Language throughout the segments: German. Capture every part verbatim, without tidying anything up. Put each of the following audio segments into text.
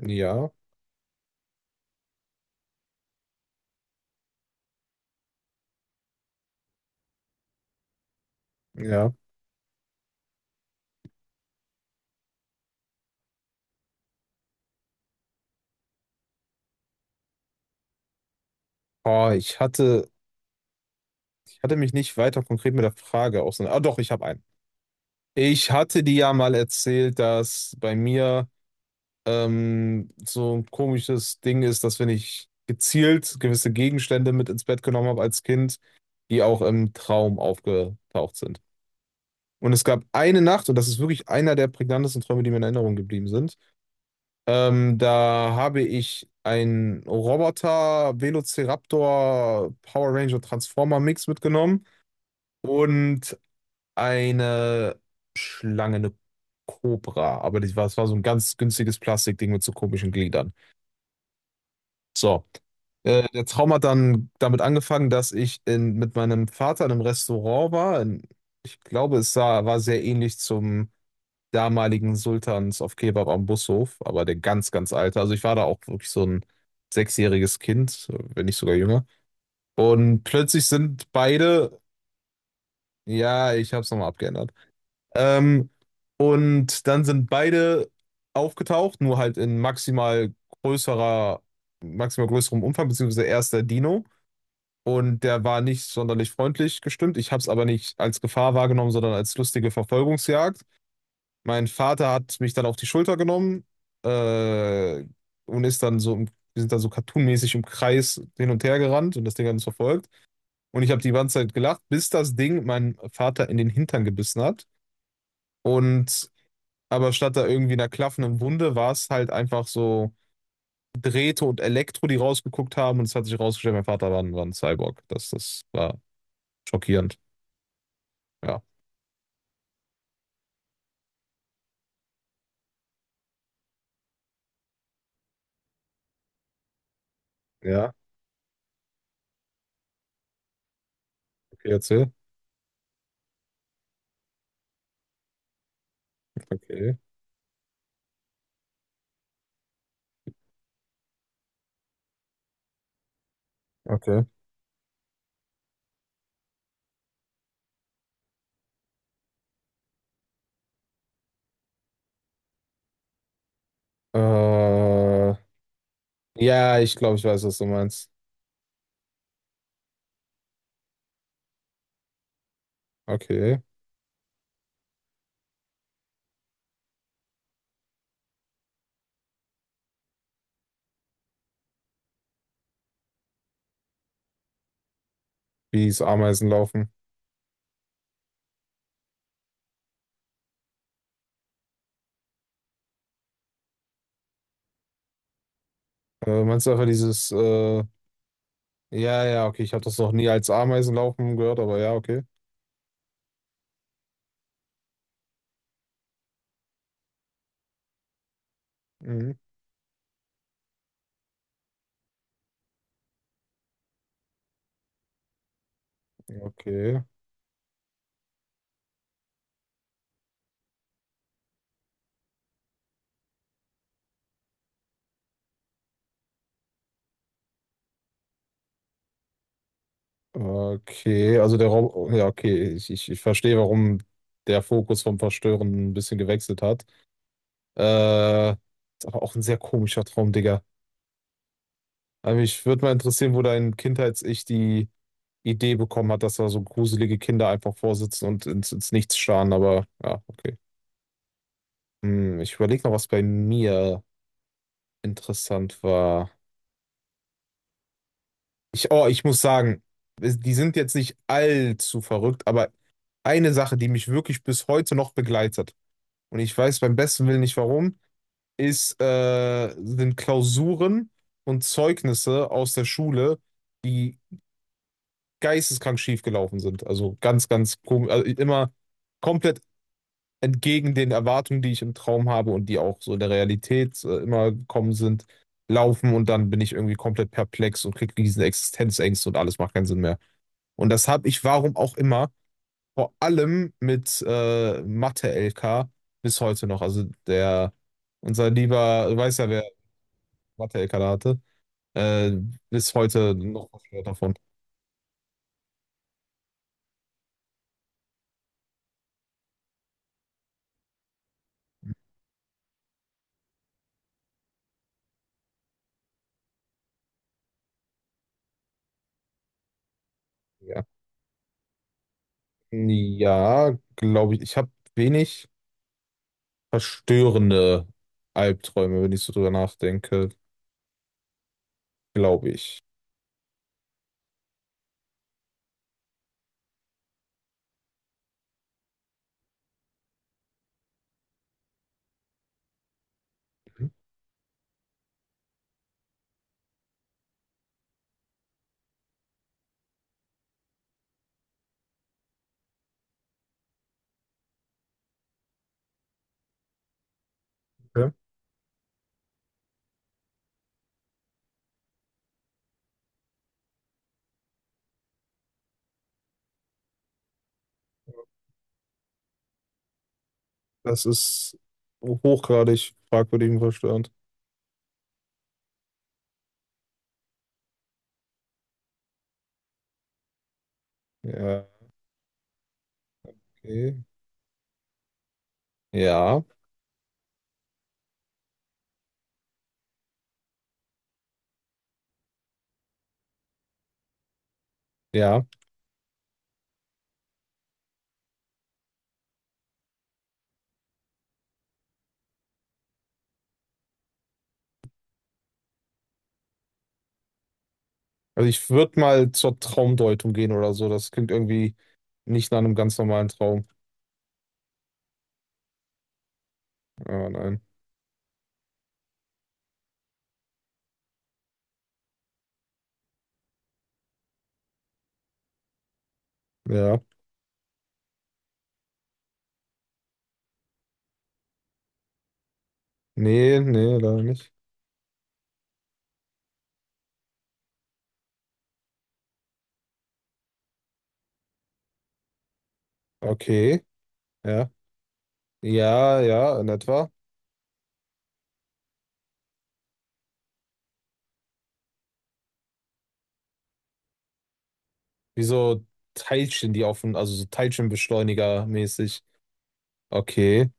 Ja, ja. Oh, ich hatte, ich hatte mich nicht weiter konkret mit der Frage auseinander. Ah, doch, ich habe einen. Ich hatte dir ja mal erzählt, dass bei mir ähm, so ein komisches Ding ist, dass wenn ich gezielt gewisse Gegenstände mit ins Bett genommen habe als Kind, die auch im Traum aufgetaucht sind. Und es gab eine Nacht, und das ist wirklich einer der prägnantesten Träume, die mir in Erinnerung geblieben sind. Ähm, da habe ich einen Roboter Velociraptor Power Ranger Transformer Mix mitgenommen und eine Schlange, eine Cobra. Aber das war, das war so ein ganz günstiges Plastikding mit so komischen Gliedern. So. Äh, der Traum hat dann damit angefangen, dass ich in, mit meinem Vater in einem Restaurant war. In, ich glaube, es sah, war sehr ähnlich zum damaligen Sultans auf Kebab am Bushof, aber der ganz, ganz alte. Also ich war da auch wirklich so ein sechsjähriges Kind, wenn nicht sogar jünger. Und plötzlich sind beide, ja, ich habe es nochmal abgeändert. Ähm, und dann sind beide aufgetaucht, nur halt in maximal größerer, maximal größerem Umfang, beziehungsweise erst der Dino. Und der war nicht sonderlich freundlich gestimmt. Ich habe es aber nicht als Gefahr wahrgenommen, sondern als lustige Verfolgungsjagd. Mein Vater hat mich dann auf die Schulter genommen äh, und ist dann so, im- wir sind dann so cartoonmäßig im Kreis hin und her gerannt und das Ding hat uns verfolgt. Und ich habe die ganze Zeit gelacht, bis das Ding meinen Vater in den Hintern gebissen hat. Und aber statt da irgendwie einer klaffenden Wunde war es halt einfach so Drähte und Elektro, die rausgeguckt haben. Und es hat sich rausgestellt, mein Vater war ein, war ein Cyborg. Das, das war schockierend. Ja. Ja, okay, erzähl. Okay, okay. Äh, ja, ich glaube, ich weiß, was du meinst. Okay. Wie es Ameisen laufen. Äh, meinst du einfach dieses, äh, ja, ja, okay, ich habe das noch nie als Ameisen laufen gehört, aber ja, okay. Mhm. Okay. Okay, also der Rob, ja, okay, ich, ich, ich verstehe, warum der Fokus vom Verstören ein bisschen gewechselt hat. Äh, ist aber auch ein sehr komischer Traum, Digga. Aber mich würde mal interessieren, wo dein Kindheits-Ich die Idee bekommen hat, dass da so gruselige Kinder einfach vorsitzen und ins, ins Nichts starren, aber ja, okay. Hm, ich überlege noch was bei mir interessant war. Ich, oh, ich muss sagen, es- die sind jetzt nicht allzu verrückt, aber eine Sache, die mich wirklich bis heute noch begleitet, und ich weiß beim besten Willen nicht warum, ist, äh, sind Klausuren und Zeugnisse aus der Schule, die geisteskrank schief gelaufen sind. Also ganz, ganz komisch, also immer komplett entgegen den Erwartungen, die ich im Traum habe und die auch so in der Realität äh, immer gekommen sind, laufen und dann bin ich irgendwie komplett perplex und kriege riesen Existenzängste und alles macht keinen Sinn mehr. Und das habe ich, warum auch immer, vor allem mit äh, Mathe-L K bis heute noch. Also der, unser lieber, du weißt ja, wer Mathe-L K da hatte, äh, bis heute noch verstört davon. Ja, ja glaube ich. Ich habe wenig verstörende Albträume, wenn ich so drüber nachdenke, glaube ich. Okay. Das ist hochgradig fragwürdig und verstörend. Ja, okay. Ja, ja. Also ich würde mal zur Traumdeutung gehen oder so. Das klingt irgendwie nicht nach einem ganz normalen Traum. Aber nein. Ja. Nee, nee, leider nicht. Okay. Ja. Ja, ja, in etwa. Wie so Teilchen, die auf dem, also so Teilchenbeschleuniger mäßig. Okay.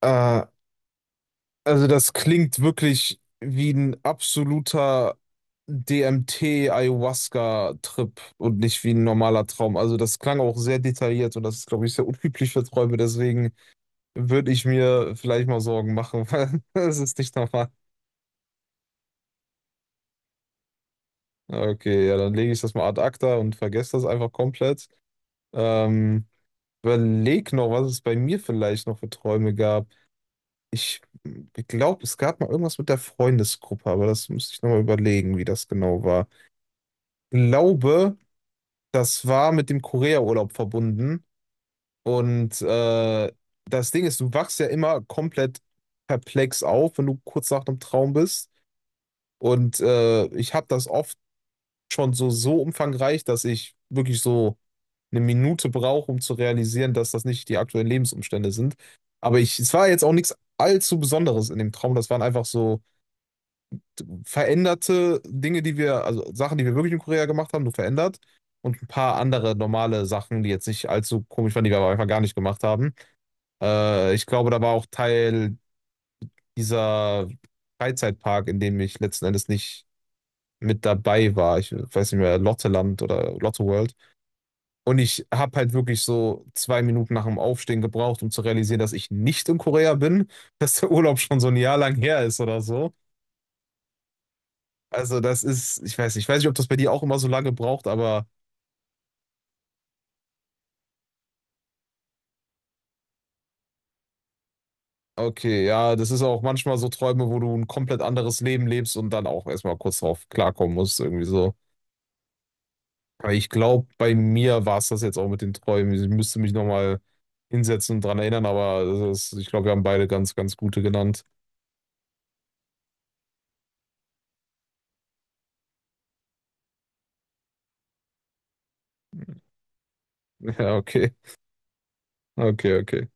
Äh, also das klingt wirklich wie ein absoluter D M T-Ayahuasca-Trip und nicht wie ein normaler Traum. Also das klang auch sehr detailliert und das ist, glaube ich, sehr unüblich für Träume. Deswegen würde ich mir vielleicht mal Sorgen machen, weil das ist nicht normal. Okay, ja, dann lege ich das mal ad acta und vergesse das einfach komplett. Ähm, Überleg noch, was es bei mir vielleicht noch für Träume gab. Ich glaube, es gab mal irgendwas mit der Freundesgruppe, aber das müsste ich nochmal überlegen, wie das genau war. Glaube, das war mit dem Korea-Urlaub verbunden. Und äh, das Ding ist, du wachst ja immer komplett perplex auf, wenn du kurz nach einem Traum bist. Und äh, ich habe das oft schon so, so umfangreich, dass ich wirklich so eine Minute brauche, um zu realisieren, dass das nicht die aktuellen Lebensumstände sind. Aber ich, es war jetzt auch nichts allzu Besonderes in dem Traum. Das waren einfach so veränderte Dinge, die wir, also Sachen, die wir wirklich in Korea gemacht haben, nur verändert. Und ein paar andere normale Sachen, die jetzt nicht allzu komisch waren, die wir aber einfach gar nicht gemacht haben. Äh, ich glaube, da war auch Teil dieser Freizeitpark, in dem ich letzten Endes nicht mit dabei war. Ich weiß nicht mehr, Lotteland oder Lotte World. Und ich habe halt wirklich so zwei Minuten nach dem Aufstehen gebraucht, um zu realisieren, dass ich nicht in Korea bin, dass der Urlaub schon so ein Jahr lang her ist oder so. Also das ist, ich weiß nicht, ich weiß nicht, ob das bei dir auch immer so lange braucht, aber okay, ja, das ist auch manchmal so Träume, wo du ein komplett anderes Leben lebst und dann auch erstmal kurz drauf klarkommen musst, irgendwie so. Aber ich glaube, bei mir war es das jetzt auch mit den Träumen. Ich müsste mich nochmal hinsetzen und dran erinnern, aber das ist, ich glaube, wir haben beide ganz, ganz gute genannt. Ja, okay. Okay, okay.